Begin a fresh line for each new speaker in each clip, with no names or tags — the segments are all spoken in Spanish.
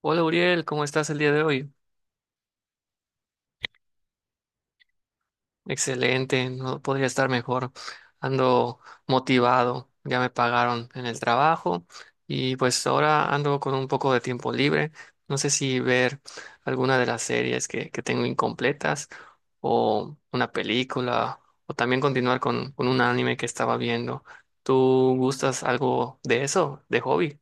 Hola Uriel, ¿cómo estás el día de hoy? Excelente, no podría estar mejor. Ando motivado, ya me pagaron en el trabajo y pues ahora ando con un poco de tiempo libre. No sé si ver alguna de las series que tengo incompletas o una película o también continuar con un anime que estaba viendo. ¿Tú gustas algo de eso, de hobby?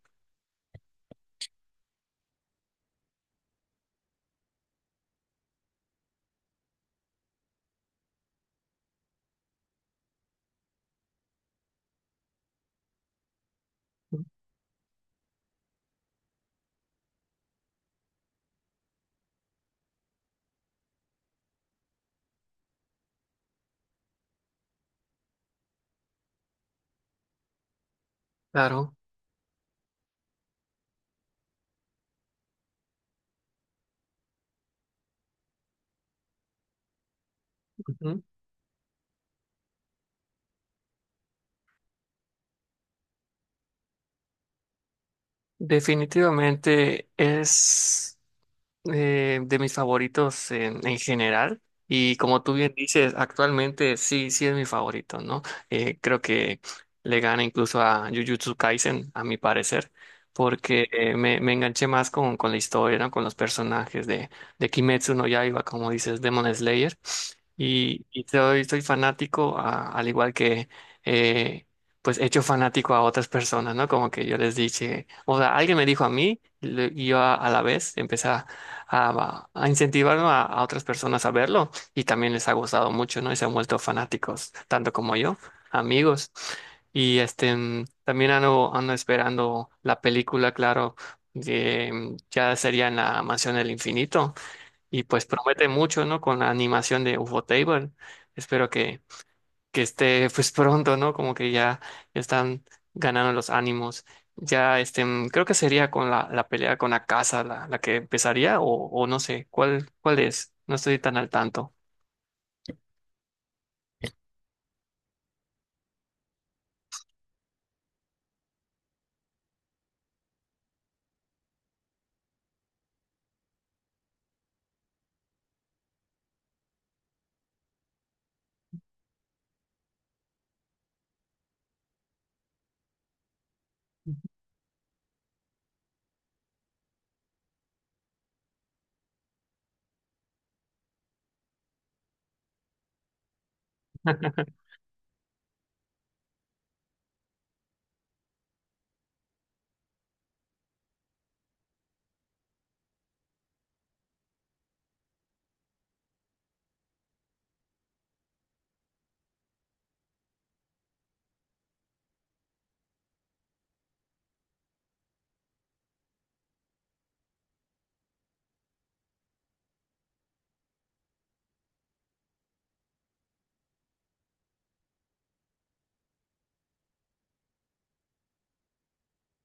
Claro. Ujú. Definitivamente es... de mis favoritos en general. Y como tú bien dices, actualmente sí, sí es mi favorito, ¿no? Creo que le gana incluso a Jujutsu Kaisen, a mi parecer, porque me enganché más con la historia, ¿no? Con los personajes de Kimetsu no Yaiba, como dices, Demon Slayer. Y, soy fanático, al igual que, eh, pues, hecho fanático a otras personas, ¿no? Como que yo les dije, o sea, alguien me dijo a mí y yo a la vez empecé a a incentivar, ¿no?, a otras personas a verlo y también les ha gustado mucho, ¿no? Y se han vuelto fanáticos, tanto como yo, amigos. Y este, también ando, ando esperando la película, claro, ya sería en la Mansión del Infinito y pues promete mucho, ¿no? Con la animación de UFO Table. Espero que, que esté pues pronto, ¿no? Como que ya están ganando los ánimos. Ya, este, creo que sería con la pelea con Akasa la que empezaría, o no sé, ¿cuál, cuál es? No estoy tan al tanto.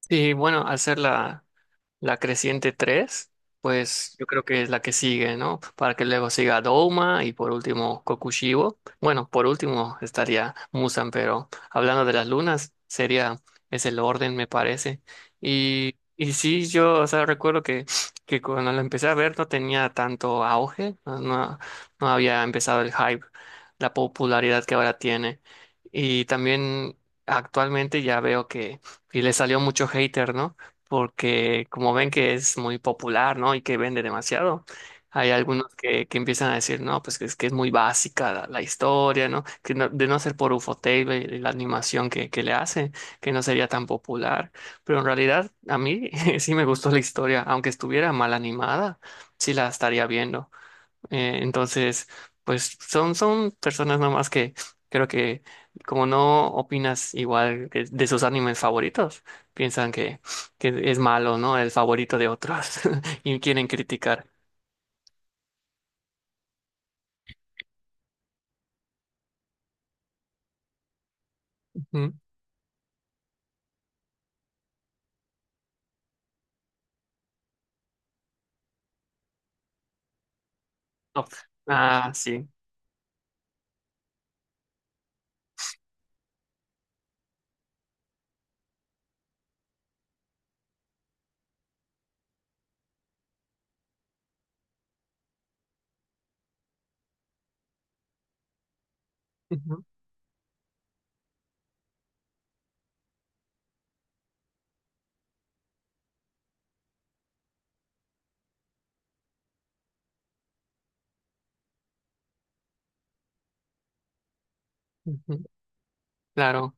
Sí, bueno, al ser la creciente 3 pues yo creo que es la que sigue, ¿no? Para que luego siga Douma y por último Kokushibo. Bueno, por último estaría Musan, pero hablando de las lunas, sería, es el orden, me parece. Y sí, yo, o sea, que cuando lo empecé a ver no tenía tanto auge, no, no había empezado el hype, la popularidad que ahora tiene. Y también actualmente ya veo que le salió mucho hater, ¿no? Porque como ven que es muy popular, ¿no? Y que vende demasiado, hay algunos que empiezan a decir, no, pues que es muy básica la historia, ¿no? Que no- De no ser por Ufotable y la animación que le hace, que no sería tan popular. Pero en realidad a mí sí me gustó la historia, aunque estuviera mal animada, sí la estaría viendo. Entonces, pues son, son personas nomás que creo que como no opinas igual que de sus animes favoritos, piensan que es malo, ¿no? El favorito de otros y quieren criticar. Ujú. Oh, ah, sí. Ujú, ujú. Claro.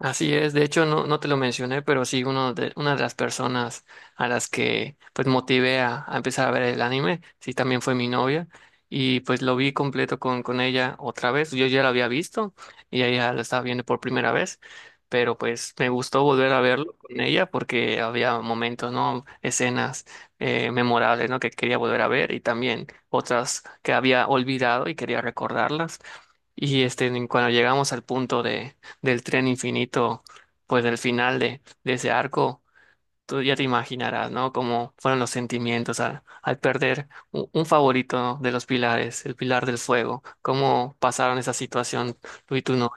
Así es, de hecho no, no te lo mencioné, pero sí uno de, una de las personas a las que pues motivé a empezar a ver el anime, sí también fue mi novia y pues lo vi completo con ella otra vez, yo ya lo había visto y ella lo estaba viendo por primera vez, pero pues me gustó volver a verlo con ella porque había momentos, ¿no? Escenas memorables, ¿no? Que quería volver a ver y también otras que había olvidado y quería recordarlas. Y este, cuando llegamos al punto de del tren infinito, pues del final de ese arco, tú ya te imaginarás, ¿no? Cómo fueron los sentimientos al, al perder un favorito, ¿no?, de los pilares, el pilar del fuego, cómo pasaron esa situación tú y tu novio.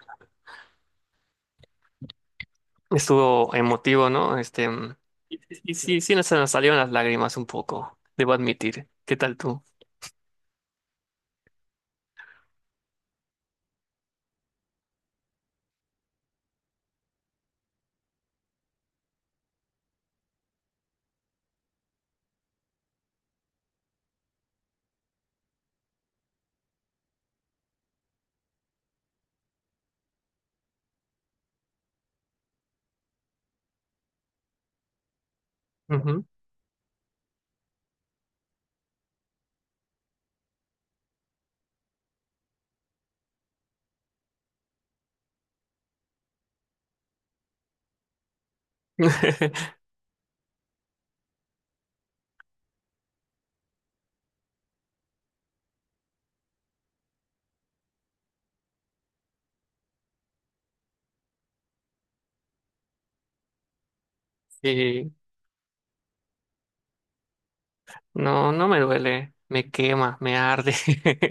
Estuvo emotivo, ¿no? Este, y, y sí, se nos salieron las lágrimas un poco, debo admitir. ¿Qué tal tú? Ujú. Sí. No, no me duele, me quema, me arde.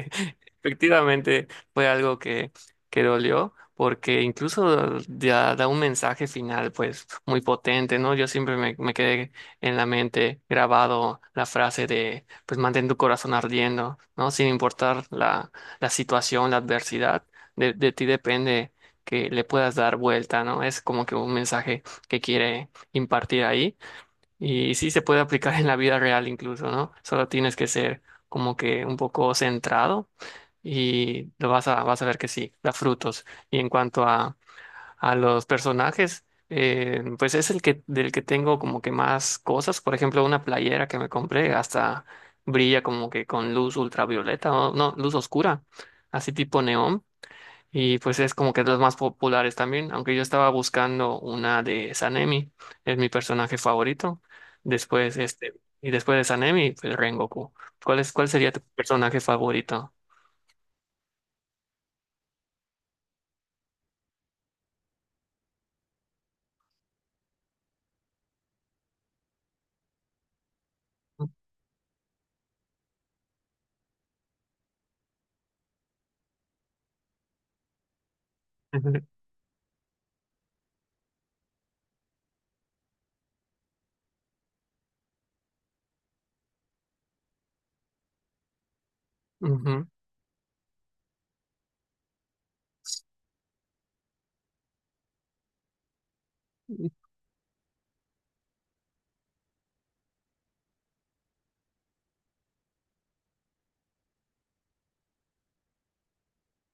Efectivamente fue algo que dolió porque incluso ya da un mensaje final pues muy potente, ¿no? Yo siempre me quedé en la mente grabado la frase de pues mantén tu corazón ardiendo, ¿no? Sin importar la situación, la adversidad, de ti depende que le puedas dar vuelta, ¿no? Es como que un mensaje que quiere impartir ahí. Y sí se puede aplicar en la vida real incluso, ¿no? Solo tienes que ser como que un poco centrado y lo vas a ver que sí, da frutos. Y en cuanto a los personajes, pues es el que, del que tengo como que más cosas. Por ejemplo, una playera que me compré hasta brilla como que con luz ultravioleta, o no, luz oscura, así tipo neón. Y pues es como que de los más populares también, aunque yo estaba buscando una de Sanemi, es mi personaje favorito. Después este, y después de Sanemi, pues Rengoku. ¿Cuál es, cuál sería tu personaje favorito? Ujú,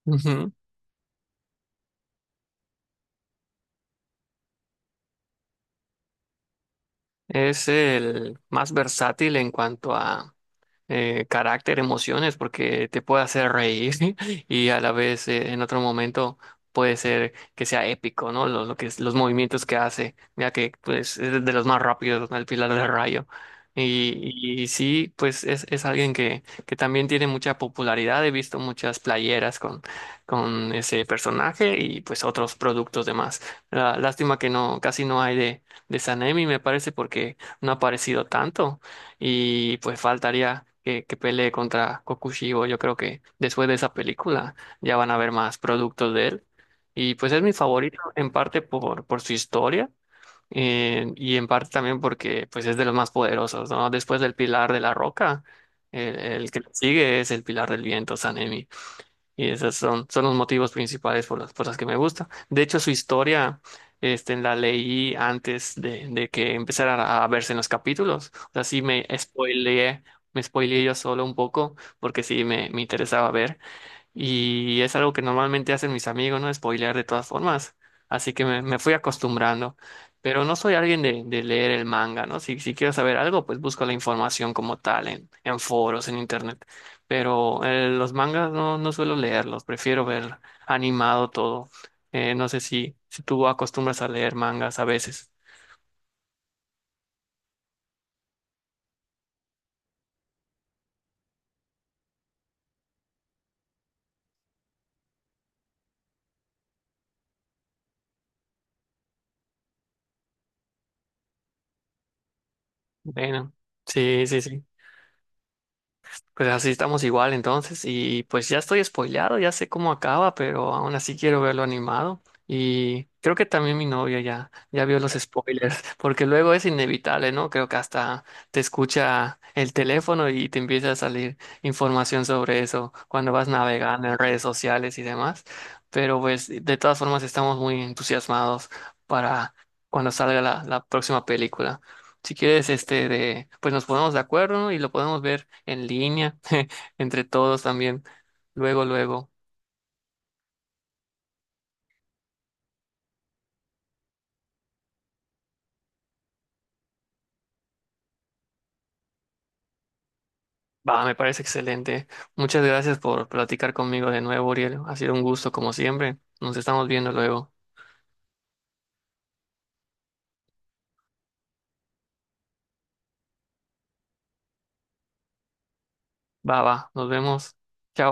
ujú, ujú. Es el más versátil en cuanto a carácter, emociones, porque te puede hacer reír y a la vez en otro momento puede ser que sea épico, ¿no? Lo, los movimientos que hace, mira que pues es de los más rápidos, ¿no? El Pilar del Rayo. Y sí, pues es alguien que también tiene mucha popularidad. He visto muchas playeras con ese personaje y pues otros productos demás. Lástima que no, casi no hay de Sanemi, me parece, porque no ha aparecido tanto. Y pues faltaría que pelee contra Kokushibo. Yo creo que después de esa película ya van a ver más productos de él. Y pues es mi favorito en parte por su historia y en parte también porque pues es de los más poderosos, ¿no? Después del Pilar de la Roca, el que sigue es el Pilar del Viento, Sanemi. Y esos son, son los motivos principales por por las que me gusta. De hecho, su historia, este, la leí antes de que empezara a verse en los capítulos. O sea, sí me spoileé yo solo un poco, porque sí me interesaba ver. Y es algo que normalmente hacen mis amigos, ¿no? Spoilear de todas formas. Así que me fui acostumbrando. Pero no soy alguien de leer el manga, ¿no? Si, si quiero saber algo, pues busco la información como tal en foros, en internet. Pero los mangas no, no suelo leerlos, prefiero ver animado todo. No sé si, si tú acostumbras a leer mangas a veces. Bueno, sí, sí, sí. Pues así estamos igual entonces y pues ya estoy spoileado, ya sé cómo acaba, pero aún así quiero verlo animado y creo que también mi novia ya vio los spoilers, porque luego es inevitable, ¿no? Creo que hasta te escucha el teléfono y te empieza a salir información sobre eso cuando vas navegando en redes sociales y demás, pero pues de todas formas estamos muy entusiasmados para cuando salga la próxima película. Si quieres, pues nos ponemos de acuerdo y lo podemos ver en línea, entre todos también. Luego, luego. Va, me parece excelente. Muchas gracias por platicar conmigo de nuevo, Uriel. Ha sido un gusto, como siempre. Nos estamos viendo luego. Va, va, nos vemos. Chao.